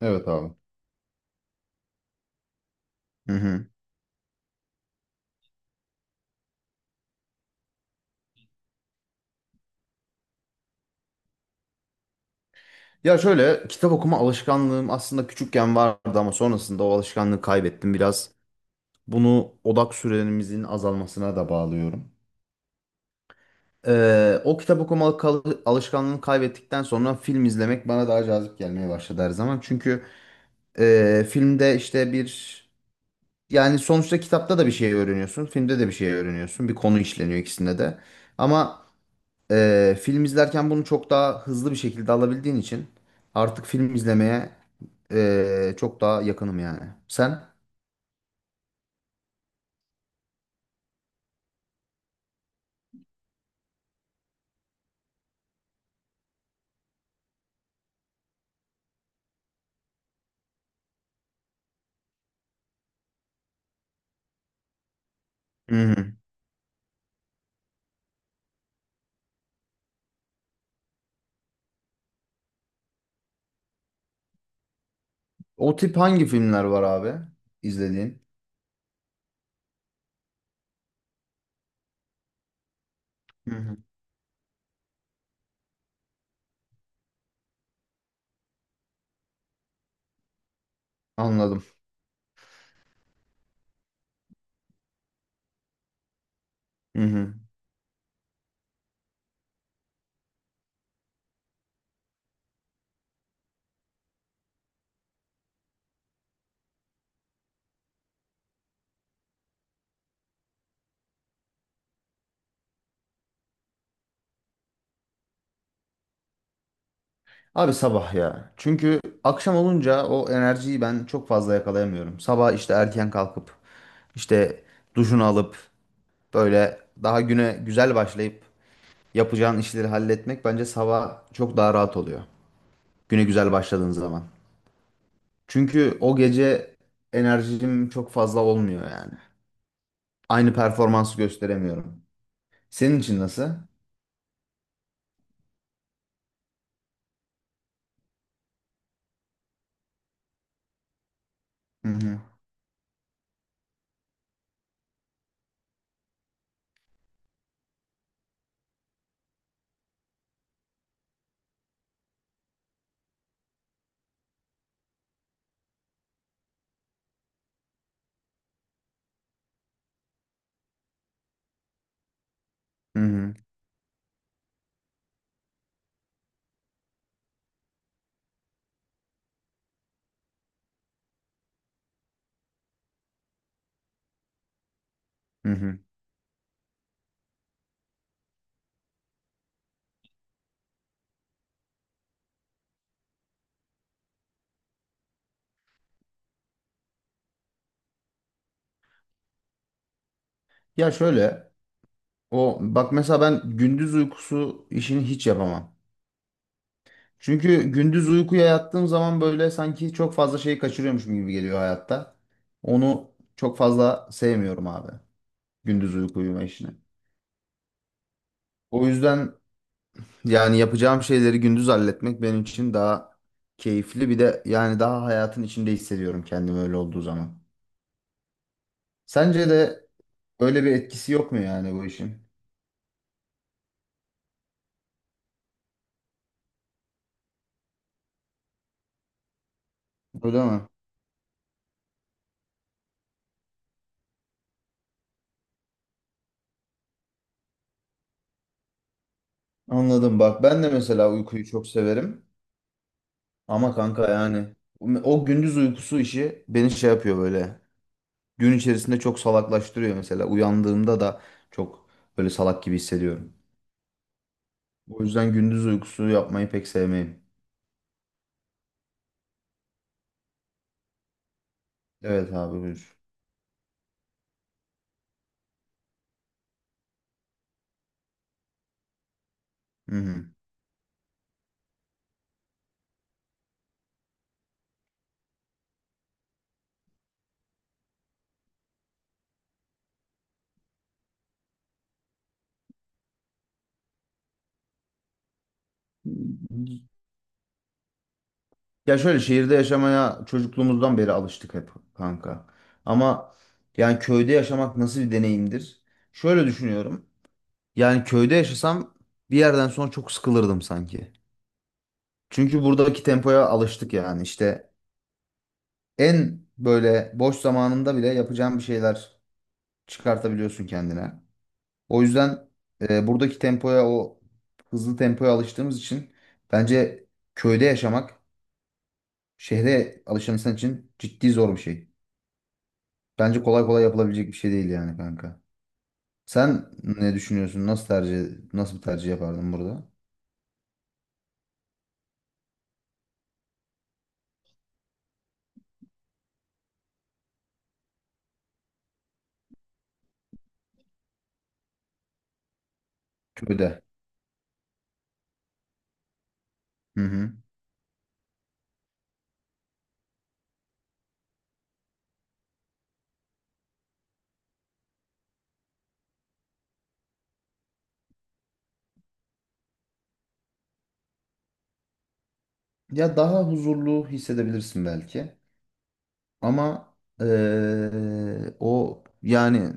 Evet abi. Hı. Ya şöyle, kitap okuma alışkanlığım aslında küçükken vardı ama sonrasında o alışkanlığı kaybettim biraz. Bunu odak süremizin azalmasına da bağlıyorum. O kitap okuma alışkanlığını kaybettikten sonra film izlemek bana daha cazip gelmeye başladı her zaman. Çünkü filmde işte bir yani sonuçta kitapta da bir şey öğreniyorsun, filmde de bir şey öğreniyorsun. Bir konu işleniyor ikisinde de. Ama Film izlerken bunu çok daha hızlı bir şekilde alabildiğin için artık film izlemeye çok daha yakınım yani. Sen? Hı hı. O tip hangi filmler var abi, izlediğin? Hı hı. Anladım. Hı hı. Abi sabah ya. Çünkü akşam olunca o enerjiyi ben çok fazla yakalayamıyorum. Sabah işte erken kalkıp, işte duşunu alıp, böyle daha güne güzel başlayıp yapacağın işleri halletmek bence sabah çok daha rahat oluyor. Güne güzel başladığın zaman. Çünkü o gece enerjim çok fazla olmuyor yani. Aynı performansı gösteremiyorum. Senin için nasıl? Hı hı. Hı hı. Hı hı. Ya şöyle, o bak mesela ben gündüz uykusu işini hiç yapamam. Çünkü gündüz uykuya yattığım zaman böyle sanki çok fazla şeyi kaçırıyormuşum gibi geliyor hayatta. Onu çok fazla sevmiyorum abi. Gündüz uyku uyuma işini. O yüzden yani yapacağım şeyleri gündüz halletmek benim için daha keyifli. Bir de yani daha hayatın içinde hissediyorum kendimi öyle olduğu zaman. Sence de öyle bir etkisi yok mu yani bu işin? Öyle mi? Anladım, bak ben de mesela uykuyu çok severim. Ama kanka yani o gündüz uykusu işi beni şey yapıyor böyle. Gün içerisinde çok salaklaştırıyor mesela. Uyandığımda da çok böyle salak gibi hissediyorum. O yüzden gündüz uykusu yapmayı pek sevmeyim. Evet abi, buyur. Hı hı. Ya şöyle, şehirde yaşamaya çocukluğumuzdan beri alıştık hep kanka. Ama yani köyde yaşamak nasıl bir deneyimdir? Şöyle düşünüyorum. Yani köyde yaşasam bir yerden sonra çok sıkılırdım sanki. Çünkü buradaki tempoya alıştık yani. İşte en böyle boş zamanında bile yapacağın bir şeyler çıkartabiliyorsun kendine. O yüzden buradaki tempoya o hızlı tempoya alıştığımız için bence köyde yaşamak şehre alışan insan için ciddi zor bir şey. Bence kolay kolay yapılabilecek bir şey değil yani kanka. Sen ne düşünüyorsun? Nasıl bir tercih yapardın burada? Köyde. Hı hı. Ya daha huzurlu hissedebilirsin belki. Ama o yani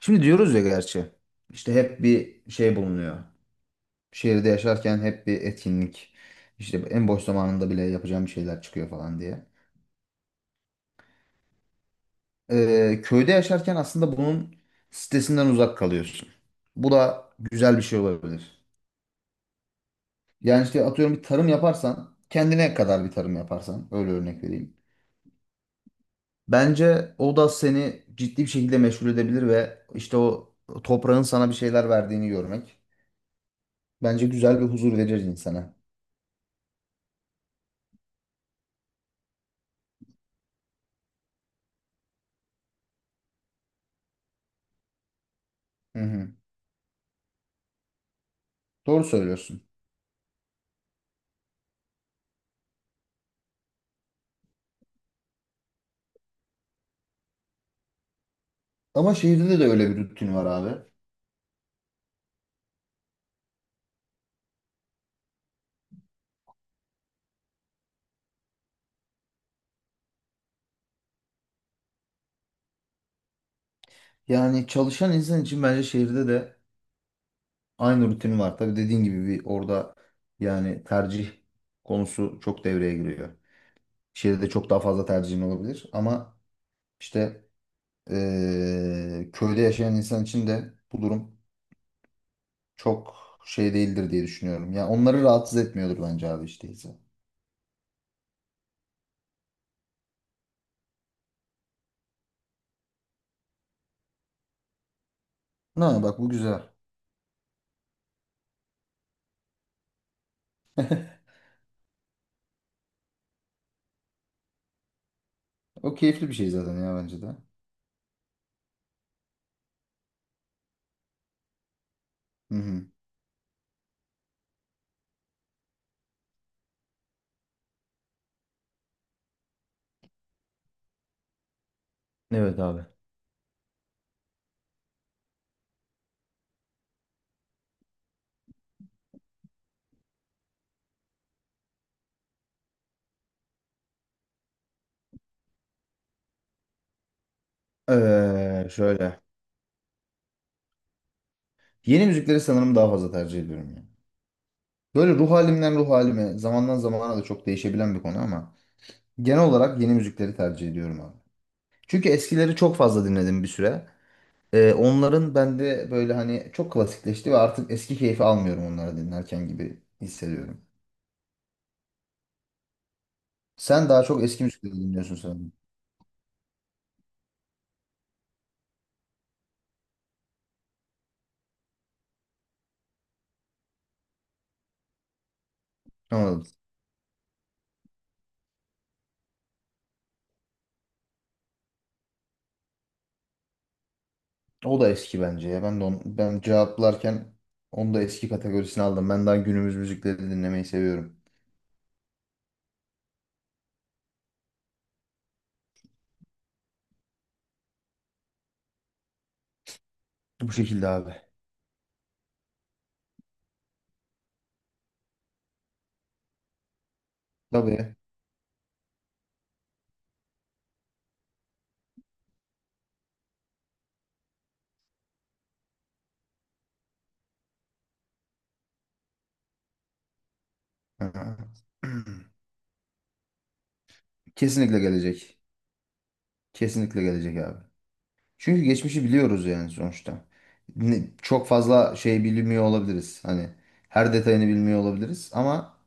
şimdi diyoruz ya, gerçi işte hep bir şey bulunuyor. Şehirde yaşarken hep bir etkinlik, işte en boş zamanında bile yapacağım şeyler çıkıyor falan diye. Köyde yaşarken aslında bunun stresinden uzak kalıyorsun. Bu da güzel bir şey olabilir. Yani işte atıyorum bir tarım yaparsan, kendine kadar bir tarım yaparsan, öyle örnek vereyim. Bence o da seni ciddi bir şekilde meşgul edebilir ve işte o toprağın sana bir şeyler verdiğini görmek bence güzel bir huzur verir insana. Hı hı. Doğru söylüyorsun. Ama şehirde de öyle bir rutin var abi. Yani çalışan insan için bence şehirde de aynı rutin var. Tabii dediğin gibi bir orada yani tercih konusu çok devreye giriyor. Şehirde çok daha fazla tercihin olabilir ama işte köyde yaşayan insan için de bu durum çok şey değildir diye düşünüyorum. Yani onları rahatsız etmiyordur bence abi işte değilse. Ha, bak bu güzel. O keyifli bir şey zaten ya, bence de. Hı hı. Evet abi. Şöyle. Yeni müzikleri sanırım daha fazla tercih ediyorum ya. Böyle ruh halimden ruh halime, zamandan zamana da çok değişebilen bir konu ama genel olarak yeni müzikleri tercih ediyorum abi. Çünkü eskileri çok fazla dinledim bir süre. Onların bende böyle hani çok klasikleşti ve artık eski keyfi almıyorum onları dinlerken gibi hissediyorum. Sen daha çok eski müzikleri dinliyorsun sanırım. Anladım. O da eski bence ya. Ben cevaplarken onu da eski kategorisine aldım. Ben daha günümüz müzikleri dinlemeyi seviyorum. Bu şekilde abi. Tabii. Hı. Kesinlikle gelecek. Kesinlikle gelecek abi. Çünkü geçmişi biliyoruz yani sonuçta. Çok fazla şey bilmiyor olabiliriz. Hani her detayını bilmiyor olabiliriz ama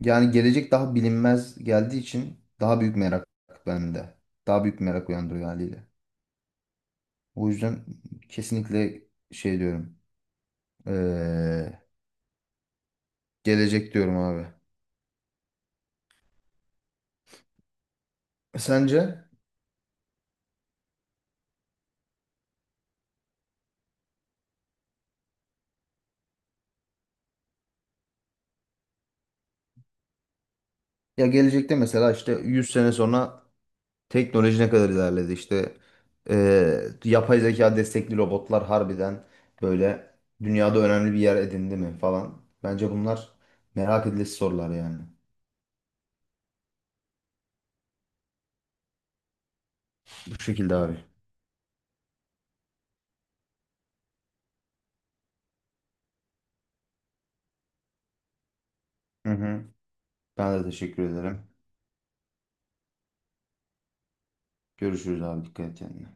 yani gelecek daha bilinmez geldiği için daha büyük merak bende. Daha büyük merak uyandırıyor haliyle. O yüzden kesinlikle şey diyorum. eee, Gelecek diyorum abi. Sence? Ya gelecekte mesela işte 100 sene sonra teknoloji ne kadar ilerledi? İşte yapay zeka destekli robotlar harbiden böyle dünyada önemli bir yer edindi mi falan. Bence bunlar merak edilesi sorular yani. Bu şekilde abi. Hı hı. Ben de teşekkür ederim. Görüşürüz abi, dikkat et kendine.